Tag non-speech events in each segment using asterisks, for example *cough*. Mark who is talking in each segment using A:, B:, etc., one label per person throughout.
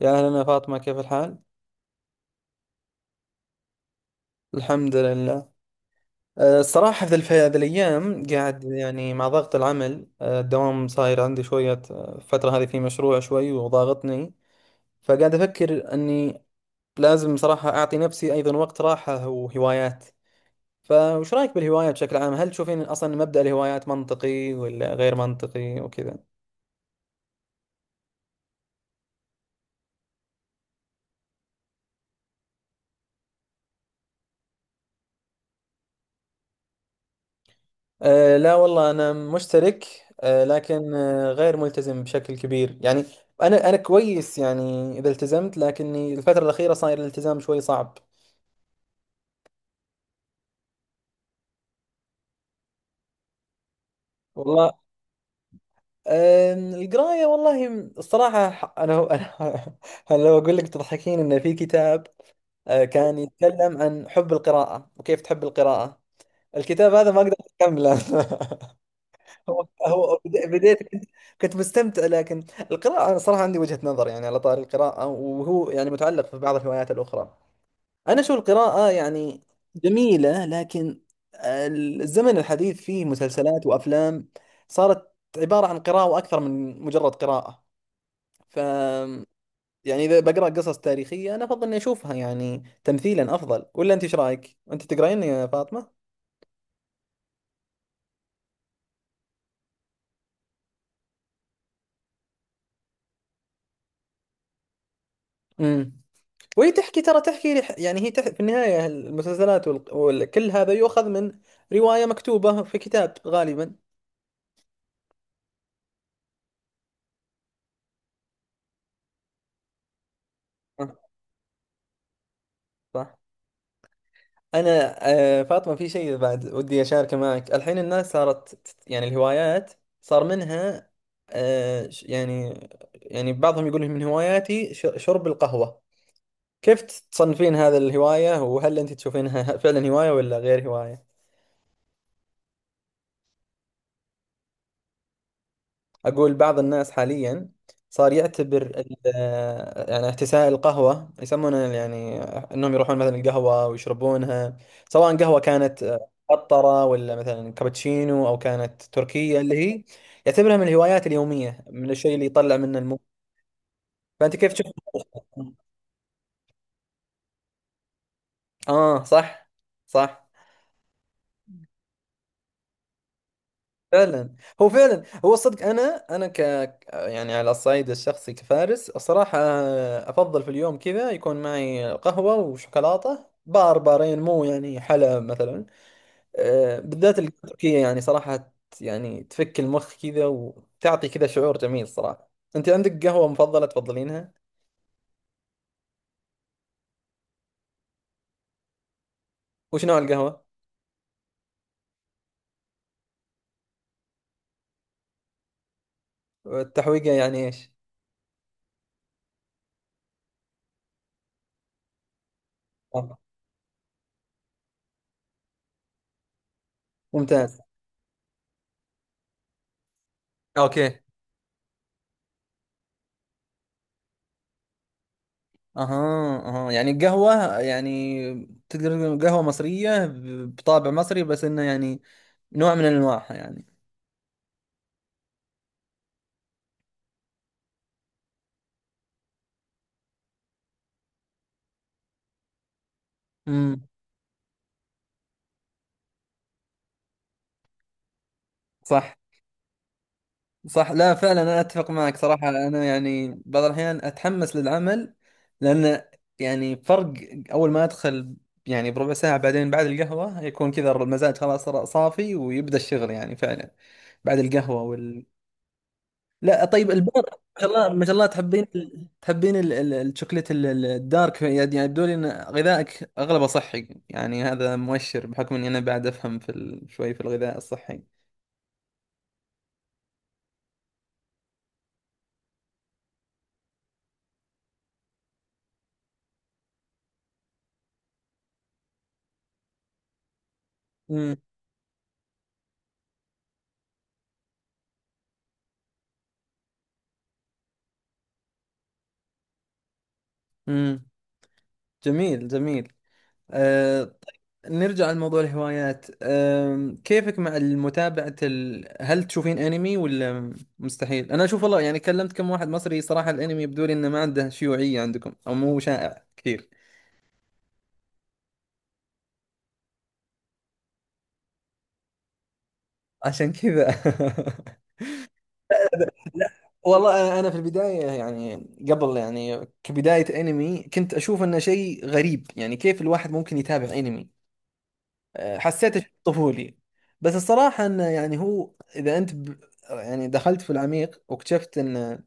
A: يا أهلا يا فاطمة، كيف الحال؟ الحمد لله. الصراحة هذه الأيام قاعد يعني مع ضغط العمل، الدوام صاير عندي شوية. الفترة هذه في مشروع شوي وضاغطني، فقاعد أفكر أني لازم صراحة أعطي نفسي أيضا وقت راحة وهوايات. فوش رأيك بالهوايات بشكل عام؟ هل تشوفين أصلا مبدأ الهوايات منطقي ولا غير منطقي وكذا؟ لا والله، أنا مشترك، لكن غير ملتزم بشكل كبير يعني. أنا كويس يعني إذا التزمت، لكني الفترة الأخيرة صاير الالتزام شوي صعب. والله القراية والله، الصراحة، أنا *laughs* أنا لو أقول لك تضحكين، إن في كتاب كان يتكلم عن حب القراءة وكيف تحب القراءة، الكتاب هذا ما أقدر أكمله *laughs* بداية كنت مستمتع، لكن القراءة أنا صراحة عندي وجهة نظر يعني على طاري القراءة، وهو يعني متعلق في بعض الهوايات الأخرى. أنا أشوف القراءة يعني جميلة، لكن الزمن الحديث فيه مسلسلات وأفلام صارت عبارة عن قراءة أكثر من مجرد قراءة. ف يعني إذا بقرأ قصص تاريخية أنا أفضل إني أشوفها يعني تمثيلا أفضل. ولا أنت إيش رأيك؟ أنت تقرأين يا فاطمة؟ امم. وهي تحكي، ترى تحكي يعني في النهاية المسلسلات كل هذا يؤخذ من رواية مكتوبة في كتاب غالبا. صح، صح. أنا فاطمة، في شيء بعد ودي أشاركه معك. الحين الناس صارت يعني الهوايات صار منها، يعني يعني بعضهم يقول من هواياتي شرب القهوة. كيف تصنفين هذا الهواية؟ وهل أنت تشوفينها فعلا هواية ولا غير هواية؟ أقول بعض الناس حاليا صار يعتبر يعني احتساء القهوة، يسمونه يعني أنهم يروحون مثلا القهوة ويشربونها، سواء قهوة كانت قطرة، ولا مثلا كابتشينو، أو كانت تركية، اللي هي يعتبرها من الهوايات اليومية، من الشيء اللي يطلع منه فأنت كيف تشوف؟ صح، صح. فعلا هو، فعلا هو صدق. انا يعني على الصعيد الشخصي كفارس الصراحه، افضل في اليوم كذا يكون معي قهوه وشوكولاته بار بارين، مو يعني حلا مثلا. بالذات التركيه يعني صراحه، يعني تفك المخ كذا وتعطي كذا شعور جميل صراحه. انت عندك قهوه مفضله تفضلينها؟ وش نوع القهوه؟ التحويقه يعني ايش؟ آه، ممتاز. اوكي. اها، اها، يعني القهوة يعني تقدر تقول قهوة مصرية بطابع مصري، بس انه يعني نوع من انواعها يعني. امم. صح، صح. لا فعلا، انا اتفق معك صراحة. انا يعني بعض الاحيان اتحمس للعمل، لان يعني فرق اول ما ادخل، يعني بربع ساعة بعدين بعد القهوة يكون كذا المزاج خلاص صار صافي، ويبدأ الشغل يعني فعلا بعد القهوة. لا طيب البار، ما شاء الله، ما شاء الله. تحبين تحبين الشوكليت الدارك، يعني يبدو لي ان غذائك اغلبه صحي، يعني هذا مؤشر، بحكم اني انا بعد افهم في شوي في الغذاء الصحي. امم، امم، جميل، جميل. أه... نرجع لموضوع الهوايات. كيفك مع المتابعة هل تشوفين انمي، ولا مستحيل؟ انا اشوف والله، يعني كلمت كم واحد مصري صراحة، الانمي يبدو لي انه ما عنده شيوعية عندكم، او مو شائع كثير عشان كذا. *laughs* لا والله، أنا في البدايه، يعني قبل، يعني كبدايه انمي كنت اشوف انه شيء غريب، يعني كيف الواحد ممكن يتابع انمي؟ حسيته شيء طفولي. بس الصراحه انه يعني هو اذا يعني دخلت في العميق، واكتشفت ان،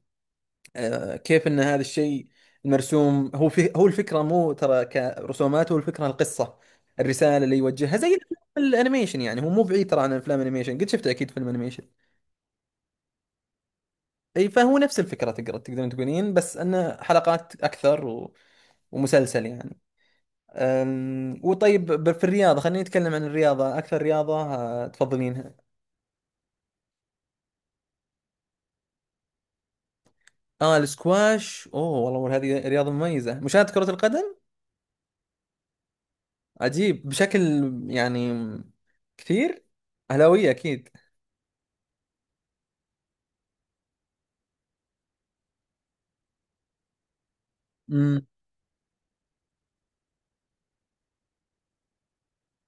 A: كيف ان هذا الشيء المرسوم، هو الفكره، مو ترى كرسومات، هو الفكره القصه، الرساله اللي يوجهها، زي الانيميشن. يعني هو مو بعيد ترى عن افلام انيميشن، قد شفت اكيد فيلم انيميشن. اي فهو نفس الفكرة، تقدر تقدرون تقولين، بس انه حلقات اكثر، ومسلسل يعني. وطيب، في الرياضة، خلينا نتكلم عن الرياضة. اكثر رياضة تفضلينها؟ اه السكواش، اوه والله، والله هذه رياضة مميزة. مشاهدة كرة القدم عجيب بشكل يعني كثير. اهلاوية اكيد. امم،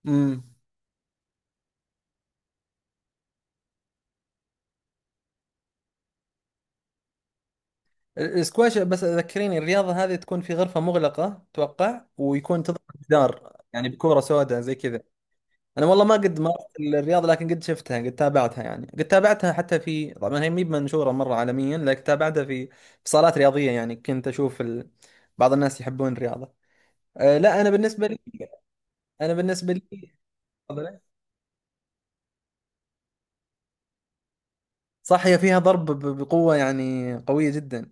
A: امم. السكواش، بس ذكريني، الرياضة هذه تكون في غرفة مغلقة، توقع ويكون تضرب جدار يعني بكورة سوداء زي كذا؟ انا والله ما قد مارست الرياضه، لكن قد شفتها، قد تابعتها. يعني قد تابعتها حتى، في طبعا هي مي منشوره مره عالميا، لكن تابعتها في في صالات رياضيه. يعني كنت اشوف بعض الناس يحبون الرياضه. لا، انا بالنسبه لي، انا بالنسبه لي، تفضل. صح، هي فيها ضرب بقوه يعني، قويه جدا.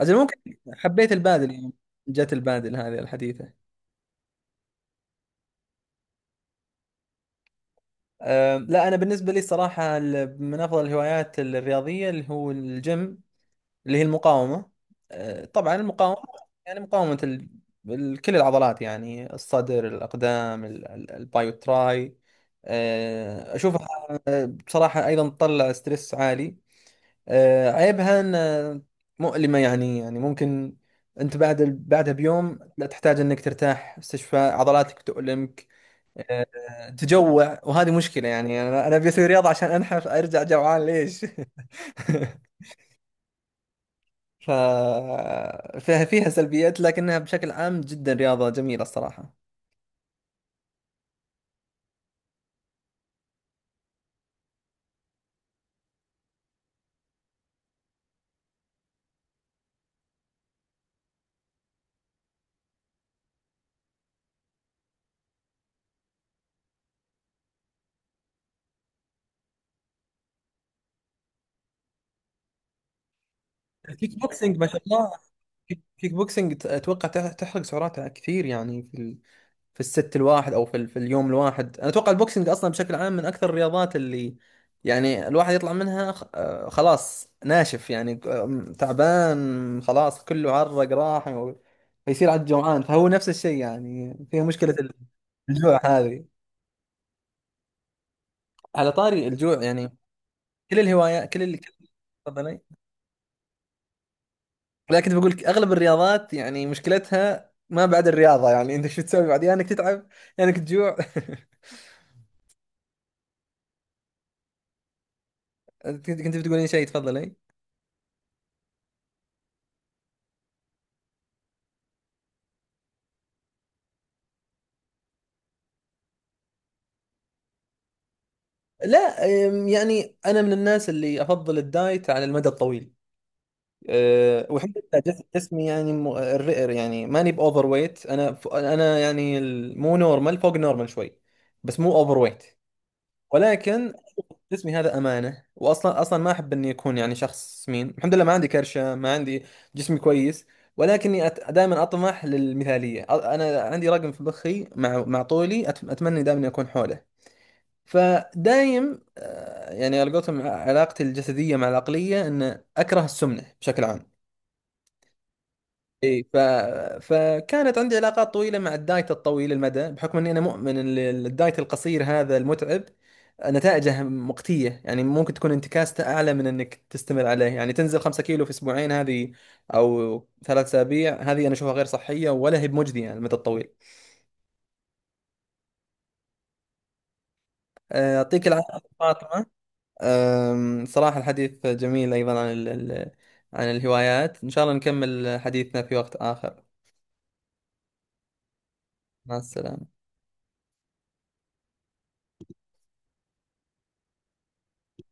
A: اجل ممكن حبيت البادل يعني، جت البادل هذه الحديثه. لا، انا بالنسبه لي الصراحه من افضل الهوايات الرياضيه اللي هو الجيم، اللي هي المقاومة. طبعا المقاومة يعني مقاومة كل العضلات، يعني الصدر، الأقدام، الباي والتراي. أشوفها بصراحة أيضا تطلع ستريس عالي. عيبها أن مؤلمة يعني، يعني ممكن أنت بعد بعدها بيوم لا تحتاج أنك ترتاح، استشفاء، عضلاتك تؤلمك. تجوع، وهذه مشكلة. يعني أنا أبي أسوي رياضة عشان أنحف، أرجع جوعان ليش؟ *laughs* ف فيها، فيها سلبيات، لكنها بشكل عام جدا رياضة جميلة الصراحة. كيك بوكسينج، ما شاء الله. كيك، اتوقع تحرق سعراتها كثير. يعني في في الست الواحد، او في في اليوم الواحد، انا اتوقع البوكسينج اصلا بشكل عام من اكثر الرياضات اللي يعني الواحد يطلع منها خ... آه، خلاص ناشف يعني، تعبان خلاص، كله عرق راح، فيصير عاد جوعان، فهو نفس الشيء، يعني فيها مشكلة الجوع هذه. على طاري الجوع يعني، كل الهوايات، تفضلي. لكن بقول لك اغلب الرياضات يعني مشكلتها ما بعد الرياضه، يعني انت شو تسوي بعد، يا انك تتعب يا انك تجوع. *laughs* كنت بتقولين شيء، تفضلي. لا يعني انا من الناس اللي افضل الدايت على المدى الطويل. والحمد لله، جسمي يعني، يعني ماني باوفر ويت، انا انا يعني مو نورمال، فوق النورمال شوي، بس مو اوفر ويت، ولكن جسمي هذا امانه. واصلا اصلا ما احب اني اكون يعني شخص سمين. الحمد لله ما عندي كرشه، ما عندي، جسمي كويس. ولكني دائما اطمح للمثاليه. انا عندي رقم في مخي مع مع طولي اتمنى دائما اني اكون حوله. فدايم يعني على قولتهم، علاقتي الجسديه مع العقليه ان اكره السمنه بشكل عام. اي فكانت عندي علاقات طويله مع الدايت الطويل المدى، بحكم اني انا مؤمن ان الدايت القصير هذا المتعب نتائجه مقتيه، يعني ممكن تكون انتكاسته اعلى من انك تستمر عليه. يعني تنزل 5 كيلو في اسبوعين هذه، او ثلاث اسابيع هذه، انا اشوفها غير صحيه، ولا هي بمجديه على المدى الطويل. يعطيك العافيه فاطمه. صراحه الحديث جميل ايضا عن عن الهوايات. ان شاء الله نكمل حديثنا في وقت اخر. مع السلامه.